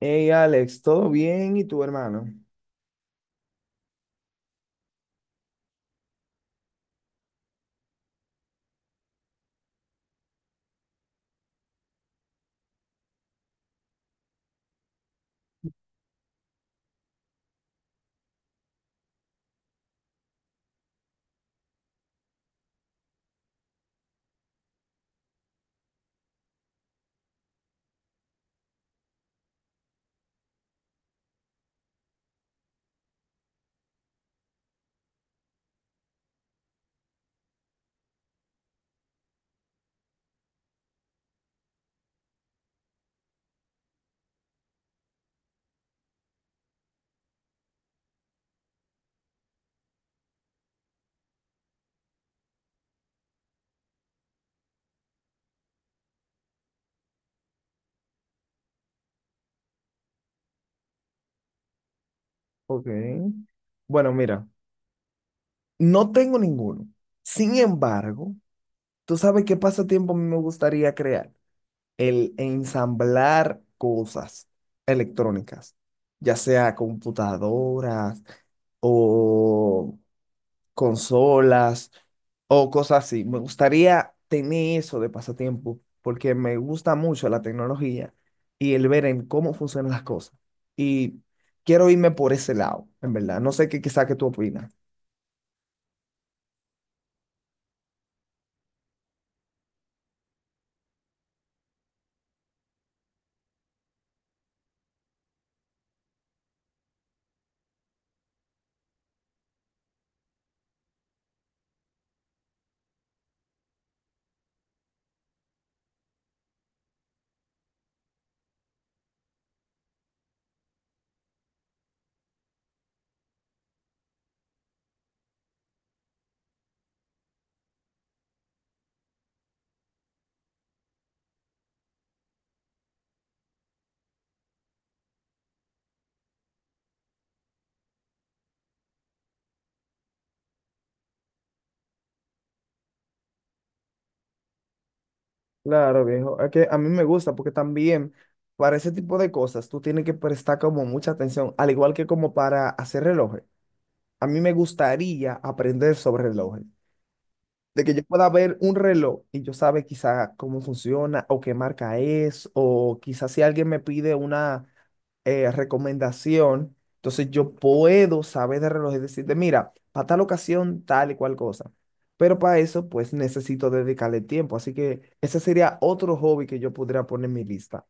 Hey Alex, ¿todo bien? ¿Y tu hermano? Ok. Bueno, mira, no tengo ninguno. Sin embargo, tú sabes qué pasatiempo a mí me gustaría crear. El ensamblar cosas electrónicas, ya sea computadoras o consolas o cosas así. Me gustaría tener eso de pasatiempo porque me gusta mucho la tecnología y el ver en cómo funcionan las cosas. Y quiero irme por ese lado, en verdad. No sé qué quizá que tú opinas. Claro, viejo. Es que a mí me gusta porque también para ese tipo de cosas tú tienes que prestar como mucha atención, al igual que como para hacer relojes. A mí me gustaría aprender sobre relojes. De que yo pueda ver un reloj y yo sabe quizá cómo funciona o qué marca es, o quizás si alguien me pide una recomendación, entonces yo puedo saber de reloj y decirte, mira, para tal ocasión, tal y cual cosa. Pero para eso, pues necesito dedicarle tiempo. Así que ese sería otro hobby que yo podría poner en mi lista.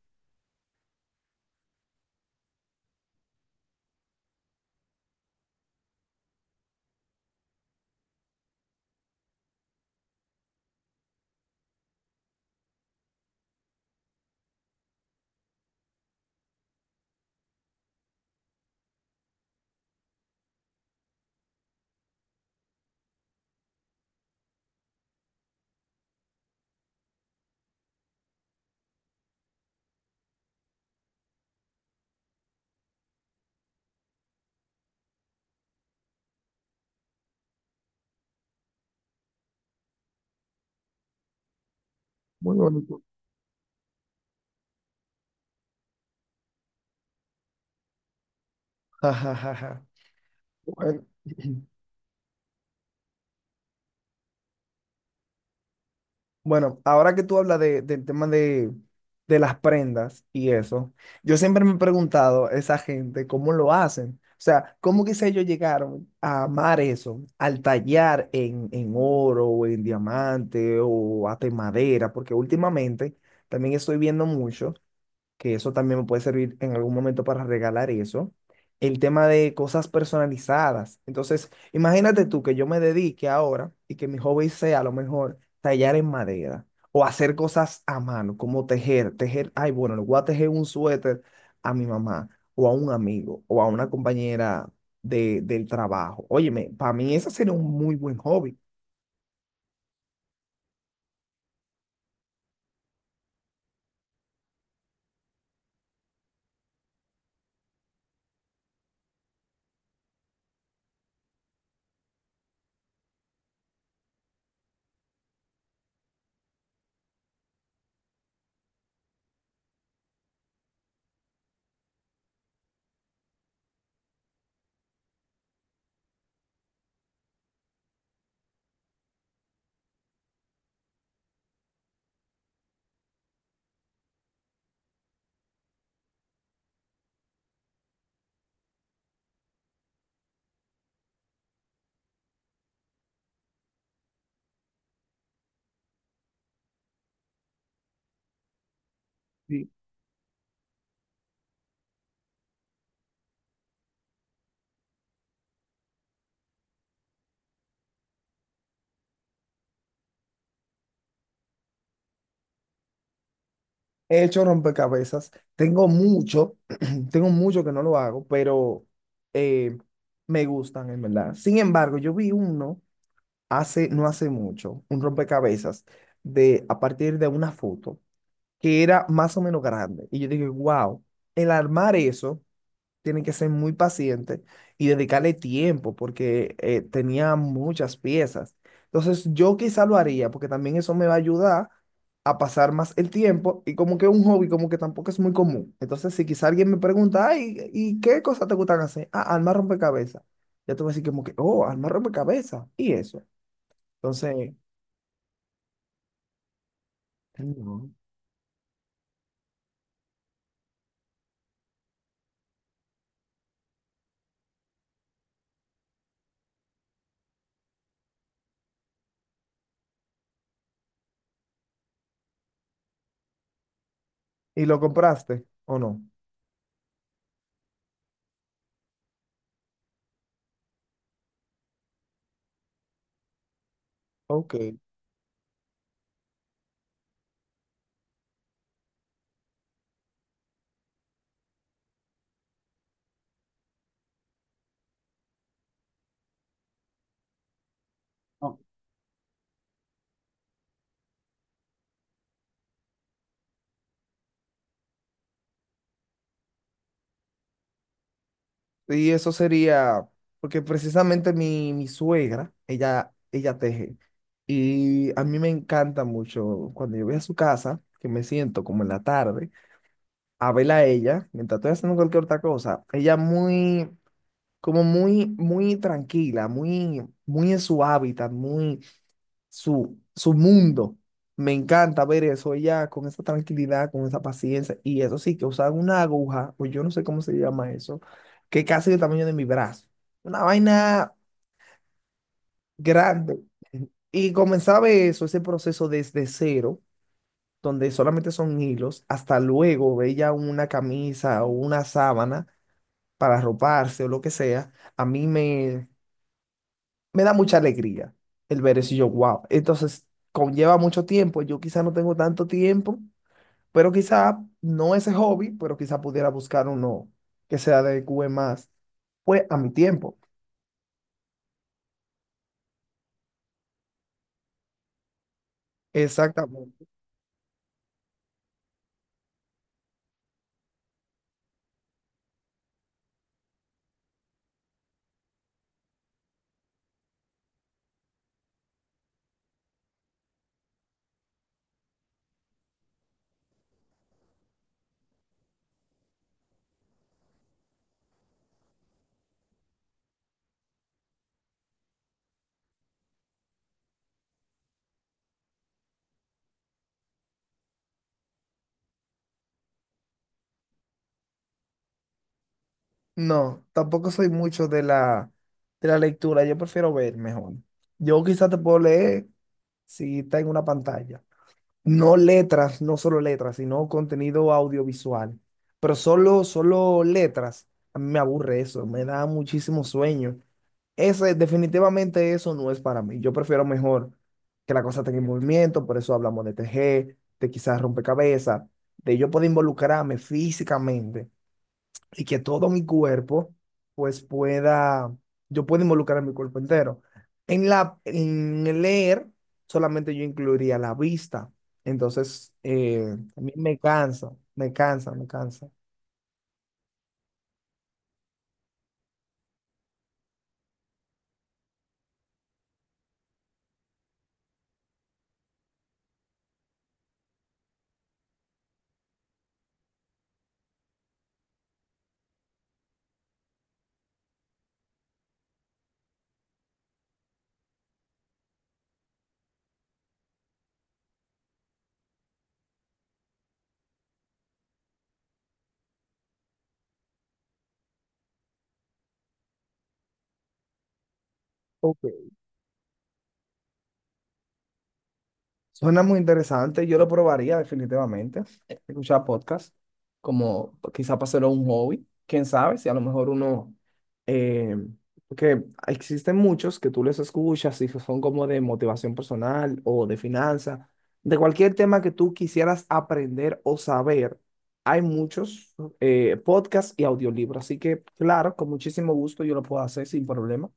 Muy bonito. Bueno, bueno, ahora que tú hablas de, del tema de las prendas y eso, yo siempre me he preguntado esa gente cómo lo hacen. O sea, ¿cómo quizá ellos llegaron a amar eso, al tallar en oro o en diamante o hasta en madera? Porque últimamente también estoy viendo mucho que eso también me puede servir en algún momento para regalar eso. El tema de cosas personalizadas. Entonces, imagínate tú que yo me dedique ahora y que mi hobby sea a lo mejor tallar en madera o hacer cosas a mano, como tejer, ay, bueno, le voy a tejer un suéter a mi mamá o a un amigo o a una compañera de, del trabajo. Óyeme, para mí ese sería un muy buen hobby. Sí. He hecho rompecabezas, tengo mucho. Tengo mucho que no lo hago, pero eh, me gustan, en verdad. Sin embargo, yo vi uno hace, no hace mucho, un rompecabezas de, a partir de una foto que era más o menos grande. Y yo dije, wow, el armar eso tienen que ser muy pacientes y dedicarle tiempo porque tenía muchas piezas. Entonces yo quizá lo haría porque también eso me va a ayudar a pasar más el tiempo y como que un hobby como que tampoco es muy común. Entonces si quizá alguien me pregunta, ay, ¿y qué cosas te gustan hacer? Ah, armar rompecabezas. Ya te voy a decir como que, oh, armar rompecabezas. Y eso. Entonces, no. ¿Y lo compraste o no? Ok. Y eso sería, porque precisamente mi suegra, ella teje. Y a mí me encanta mucho cuando yo voy a su casa, que me siento como en la tarde, a verla a ella, mientras estoy haciendo cualquier otra cosa. Ella muy, como muy, muy tranquila, muy, muy en su hábitat, muy su, su mundo. Me encanta ver eso ella con esa tranquilidad, con esa paciencia. Y eso sí, que usaban una aguja, o yo no sé cómo se llama eso, que casi del tamaño de mi brazo. Una vaina grande. Y comenzaba eso, ese proceso desde cero, donde solamente son hilos, hasta luego ella una camisa o una sábana para arroparse o lo que sea. A mí me, me da mucha alegría el ver eso y yo, wow. Entonces, conlleva mucho tiempo. Yo quizá no tengo tanto tiempo, pero quizá no ese hobby, pero quizá pudiera buscar uno que se adecue más, pues, a mi tiempo. Exactamente. No, tampoco soy mucho de la lectura. Yo prefiero ver mejor. Yo quizá te puedo leer si está en una pantalla. No letras, no solo letras, sino contenido audiovisual. Pero solo, solo letras, a mí me aburre eso, me da muchísimo sueño. Ese, definitivamente eso no es para mí. Yo prefiero mejor que la cosa tenga movimiento, por eso hablamos de tejer, de quizás rompecabezas, de yo poder involucrarme físicamente y que todo mi cuerpo, pues pueda, yo pueda involucrar mi cuerpo entero. En la, en leer, solamente yo incluiría la vista. Entonces, a mí me cansa, me cansa, me cansa. Ok. Suena muy interesante, yo lo probaría definitivamente. Escuchar podcast, como quizá para hacerlo un hobby, quién sabe si a lo mejor uno, eh, porque existen muchos que tú les escuchas y que son como de motivación personal o de finanzas, de cualquier tema que tú quisieras aprender o saber, hay muchos podcasts y audiolibros, así que claro, con muchísimo gusto yo lo puedo hacer sin problema.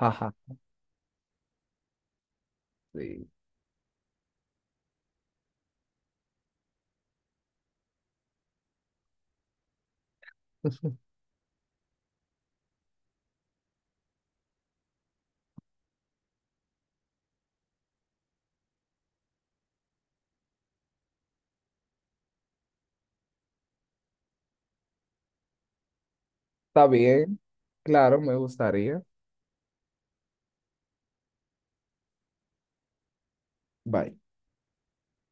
Jaja, sí. Está bien, claro, me gustaría. Bye.